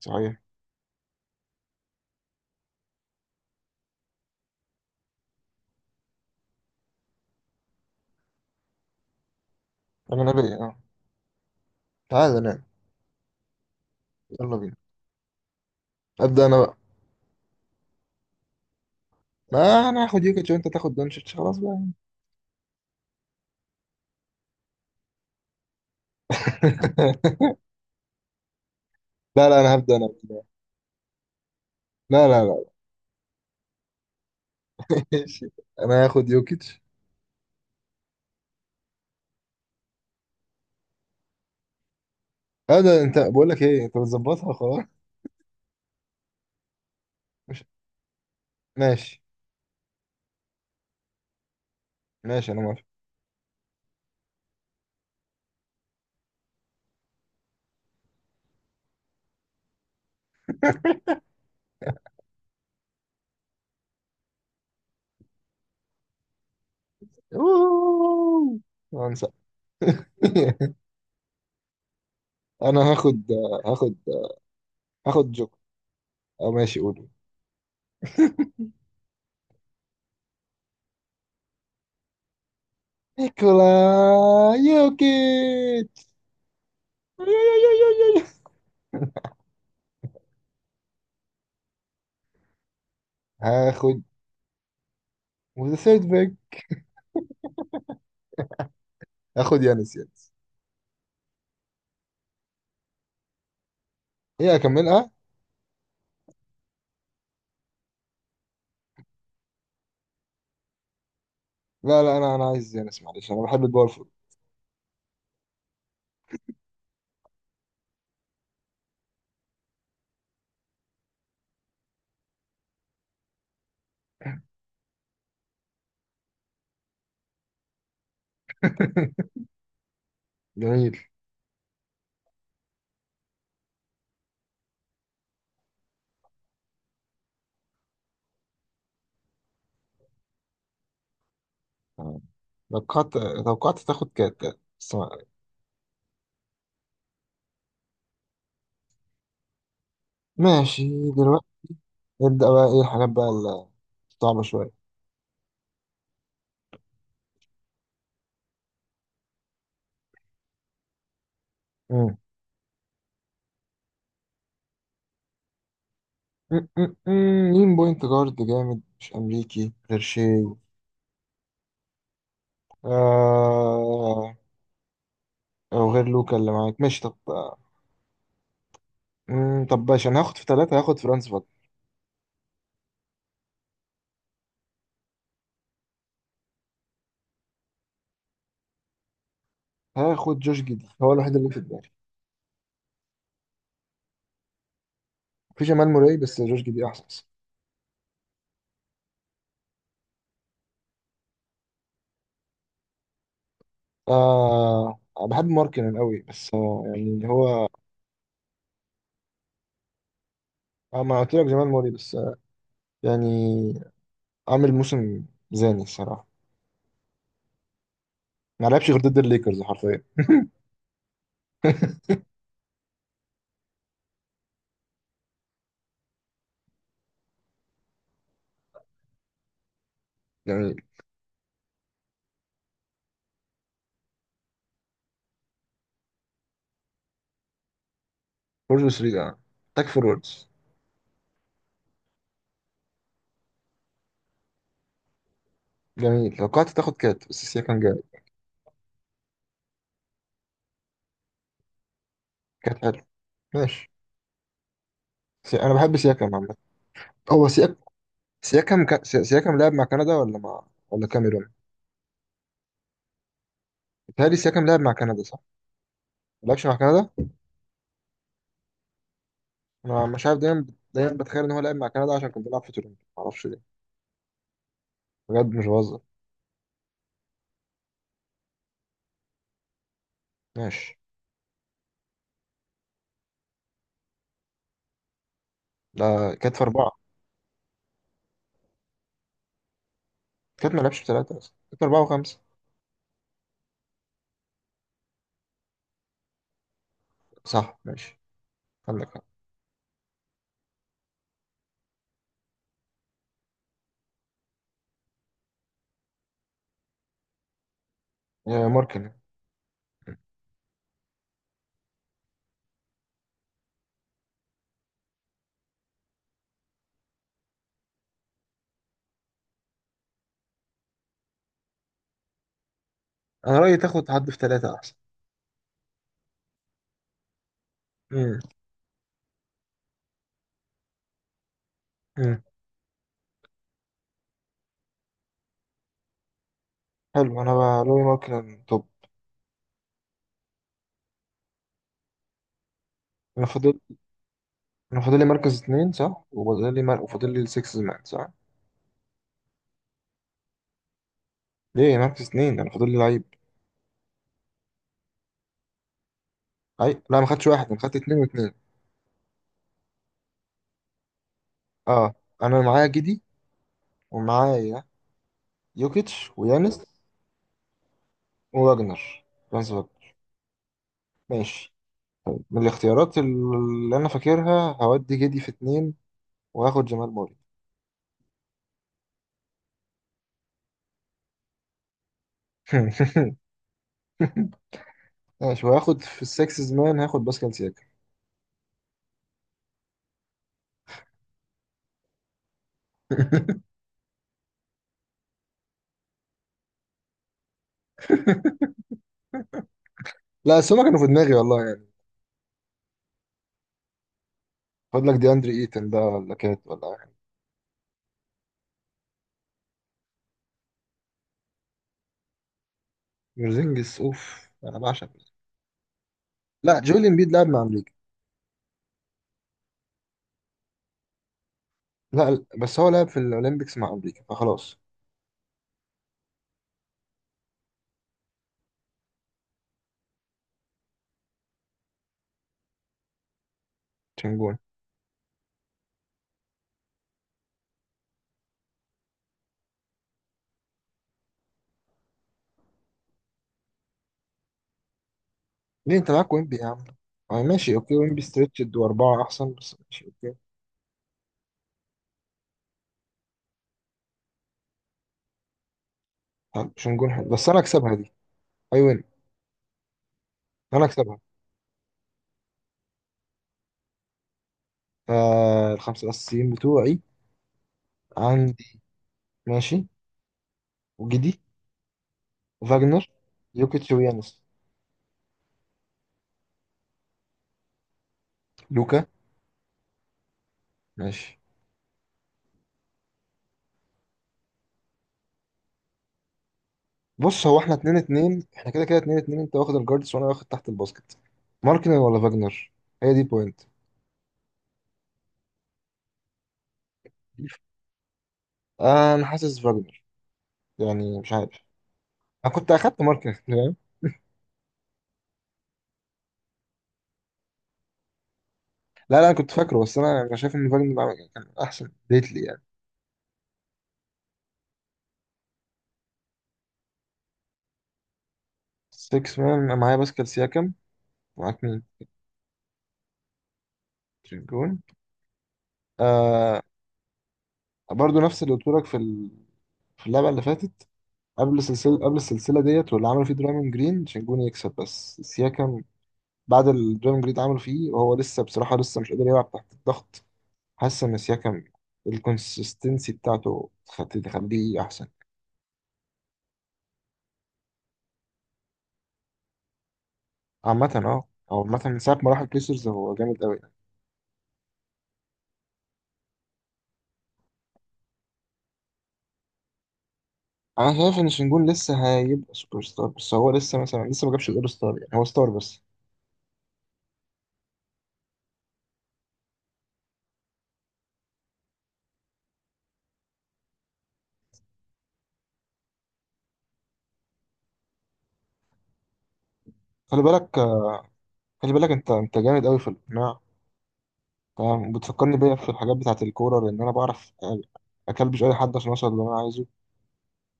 صحيح. انا بيه، اه. تعالى، نعم. يلا بينا. ابدا انا بقى. ما انا هاخد يوكيتش وانت تاخد دونتش خلاص بقى. لا لا انا هبدا انا. لا لا لا. ماشي. انا هاخد يوكيتش. هذا انت، بقول لك ايه، انت بتظبطها خلاص. مش... ماشي، ماشي. انا موافق. أوه. هنسى. انا هاخد هاخد جوكر. او ماشي، قول. نيكولا يوكيتش. هاخد وذا ثيرد باك. هاخد يانس. هي اكملها. لا لا، انا عايز يانس. معلش، انا بحب الباور فود. جميل. تمام. توقعت. توقعت تاخد كات بس ماشي دلوقتي. نبدأ بقى ايه الحاجات بقى الصعبة شوية. مم. مم، مم، مم. مين بوينت جارد جامد مش أمريكي غير شي؟ آه... أو غير لوكا اللي معاك. ماشي طب، طب باشا، أنا هاخد في ثلاثة هاخد فرانس فاجنر. هاخد جوش جدي، هو الوحيد اللي في دماغي. في جمال موراي بس جوش جدي أحسن. آه، بحب ماركنن قوي بس يعني اللي هو... ما قلت لك جمال موري بس يعني عامل موسم زاني الصراحة. ما لعبش غير ضد الليكرز حرفيا. جميل. فور 3، اه. تاك فوروردز. جميل، لو قعدت تاخد كات بس سياكم جامد. كات حلو. ماشي. انا بحب سياكم عامة. هو سياك... سياكم لعب مع كندا ولا مع ولا كاميرون؟ بيتهيألي سياكم لعب مع كندا، صح؟ ما لعبش مع كندا؟ انا مش عارف. دايما دايما بتخيل ان هو لعب مع كندا عشان كان بيلعب في تورنتو، ما اعرفش ليه. بجد مش بهزر. ماشي. لا كانت في أربعة. كانت ما لعبش في ثلاثة أصلا، كانت في أربعة وخمسة. صح، ماشي. عندك حق. يا ماركن. أنا رأيي تاخد حد في ثلاثة أحسن. امم. امم. حلو، أنا بقى رأيي ماركن توب. أنا فاضل. أنا فاضل لي مركز اتنين، صح. وفاضل لي السكس مان، صح. ليه مركز اتنين؟ أنا فاضل لي لعيب. أي، لا ما خدتش واحد، أنا خدت اتنين واتنين. أه. أنا معايا جدي ومعايا يوكيتش ويانس. وواجنر. فرانس واجنر. ماشي. من الاختيارات اللي أنا فاكرها هودي جدي في اتنين وهاخد جمال موري. ماشي. وهاخد في السكسز مان هاخد باسكال سياكا. لا بس هما كانوا في دماغي والله يعني. خد لك دي اندري ايتن ده ولا كات ولا حاجة. مرزينجس اوف. انا بعشق مرزينجس. لا جويل امبيد لعب مع امريكا. لا لا، بس هو لعب في الاولمبيكس مع امريكا فخلاص. تشنجون. ليه انت معاك ويمبي يا عم؟ آه، ماشي اوكي. ويمبي ستريتشد واربعه احسن بس ماشي اوكي. حلو، تشنجون حلو بس انا اكسبها دي. اي وين. انا اكسبها. آه، الخمسه الاساسيين بتوعي. عندي. ماشي. وجدي. فاجنر. يوكيتش ويانس. لوكا. ماشي. بص، هو احنا اتنين اتنين، احنا كده كده اتنين اتنين. انت واخد الجاردس وانا واخد تحت الباسكت. ماركنن ولا فاجنر؟ هي دي بوينت. آه، انا حاسس فاجنر، يعني مش عارف. انا كنت اخدت ماركنن، فاهم. لا لا، انا كنت فاكره بس انا شايف ان فاجنر كان احسن ديتلي يعني. 6 مان معايا باسكال سياكم. معاك مين؟ تريجون. آه. برضو نفس اللي قلت لك في ال... في اللعبه اللي فاتت. قبل السلسله ديت واللي عملوا فيه درايمون جرين، شنجون يكسب بس سياكم بعد الدرايفنج جريد عملوا فيه، وهو لسه بصراحة لسه مش قادر يلعب تحت الضغط. حاسس إن سياكم الكونسستنسي بتاعته تخليه أحسن. عامة اه. هو عامة من ساعة ما راح البيسرز هو جامد أوي. أنا شايف إن شنجون لسه هيبقى سوبر ستار بس هو لسه مثلا لسه ما جابش الأول ستار، يعني هو ستار بس. خلي بالك. خلي بالك، أنت جامد أوي في الإقناع. تمام، بتفكرني بيا في الحاجات بتاعة الكورة لأن أنا بعرف أكلبش أي حد عشان أوصل اللي أنا عايزه.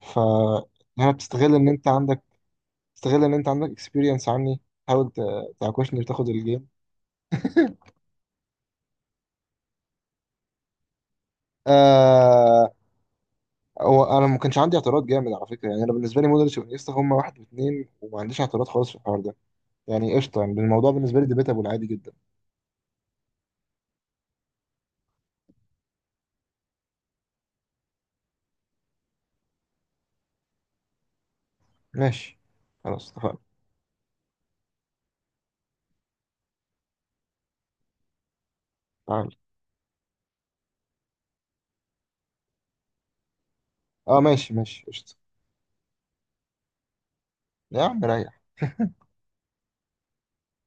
ف... هنا بتستغل إن أنت عندك. استغل ان انت عندك اكسبيرينس عني. حاول تعكشني وتاخد الجيم. آه. هو انا ما كانش عندي اعتراض جامد على فكره، يعني انا بالنسبه لي مودريتش وانيستا هم واحد واثنين، وما عنديش اعتراض خالص في الحوار ده. يعني قشطه، يعني الموضوع بالنسبه لي ديبيتابل عادي جدا. ماشي. خلاص اتفقنا. تعال. اه ماشي ماشي قشطه. يا عم ريح.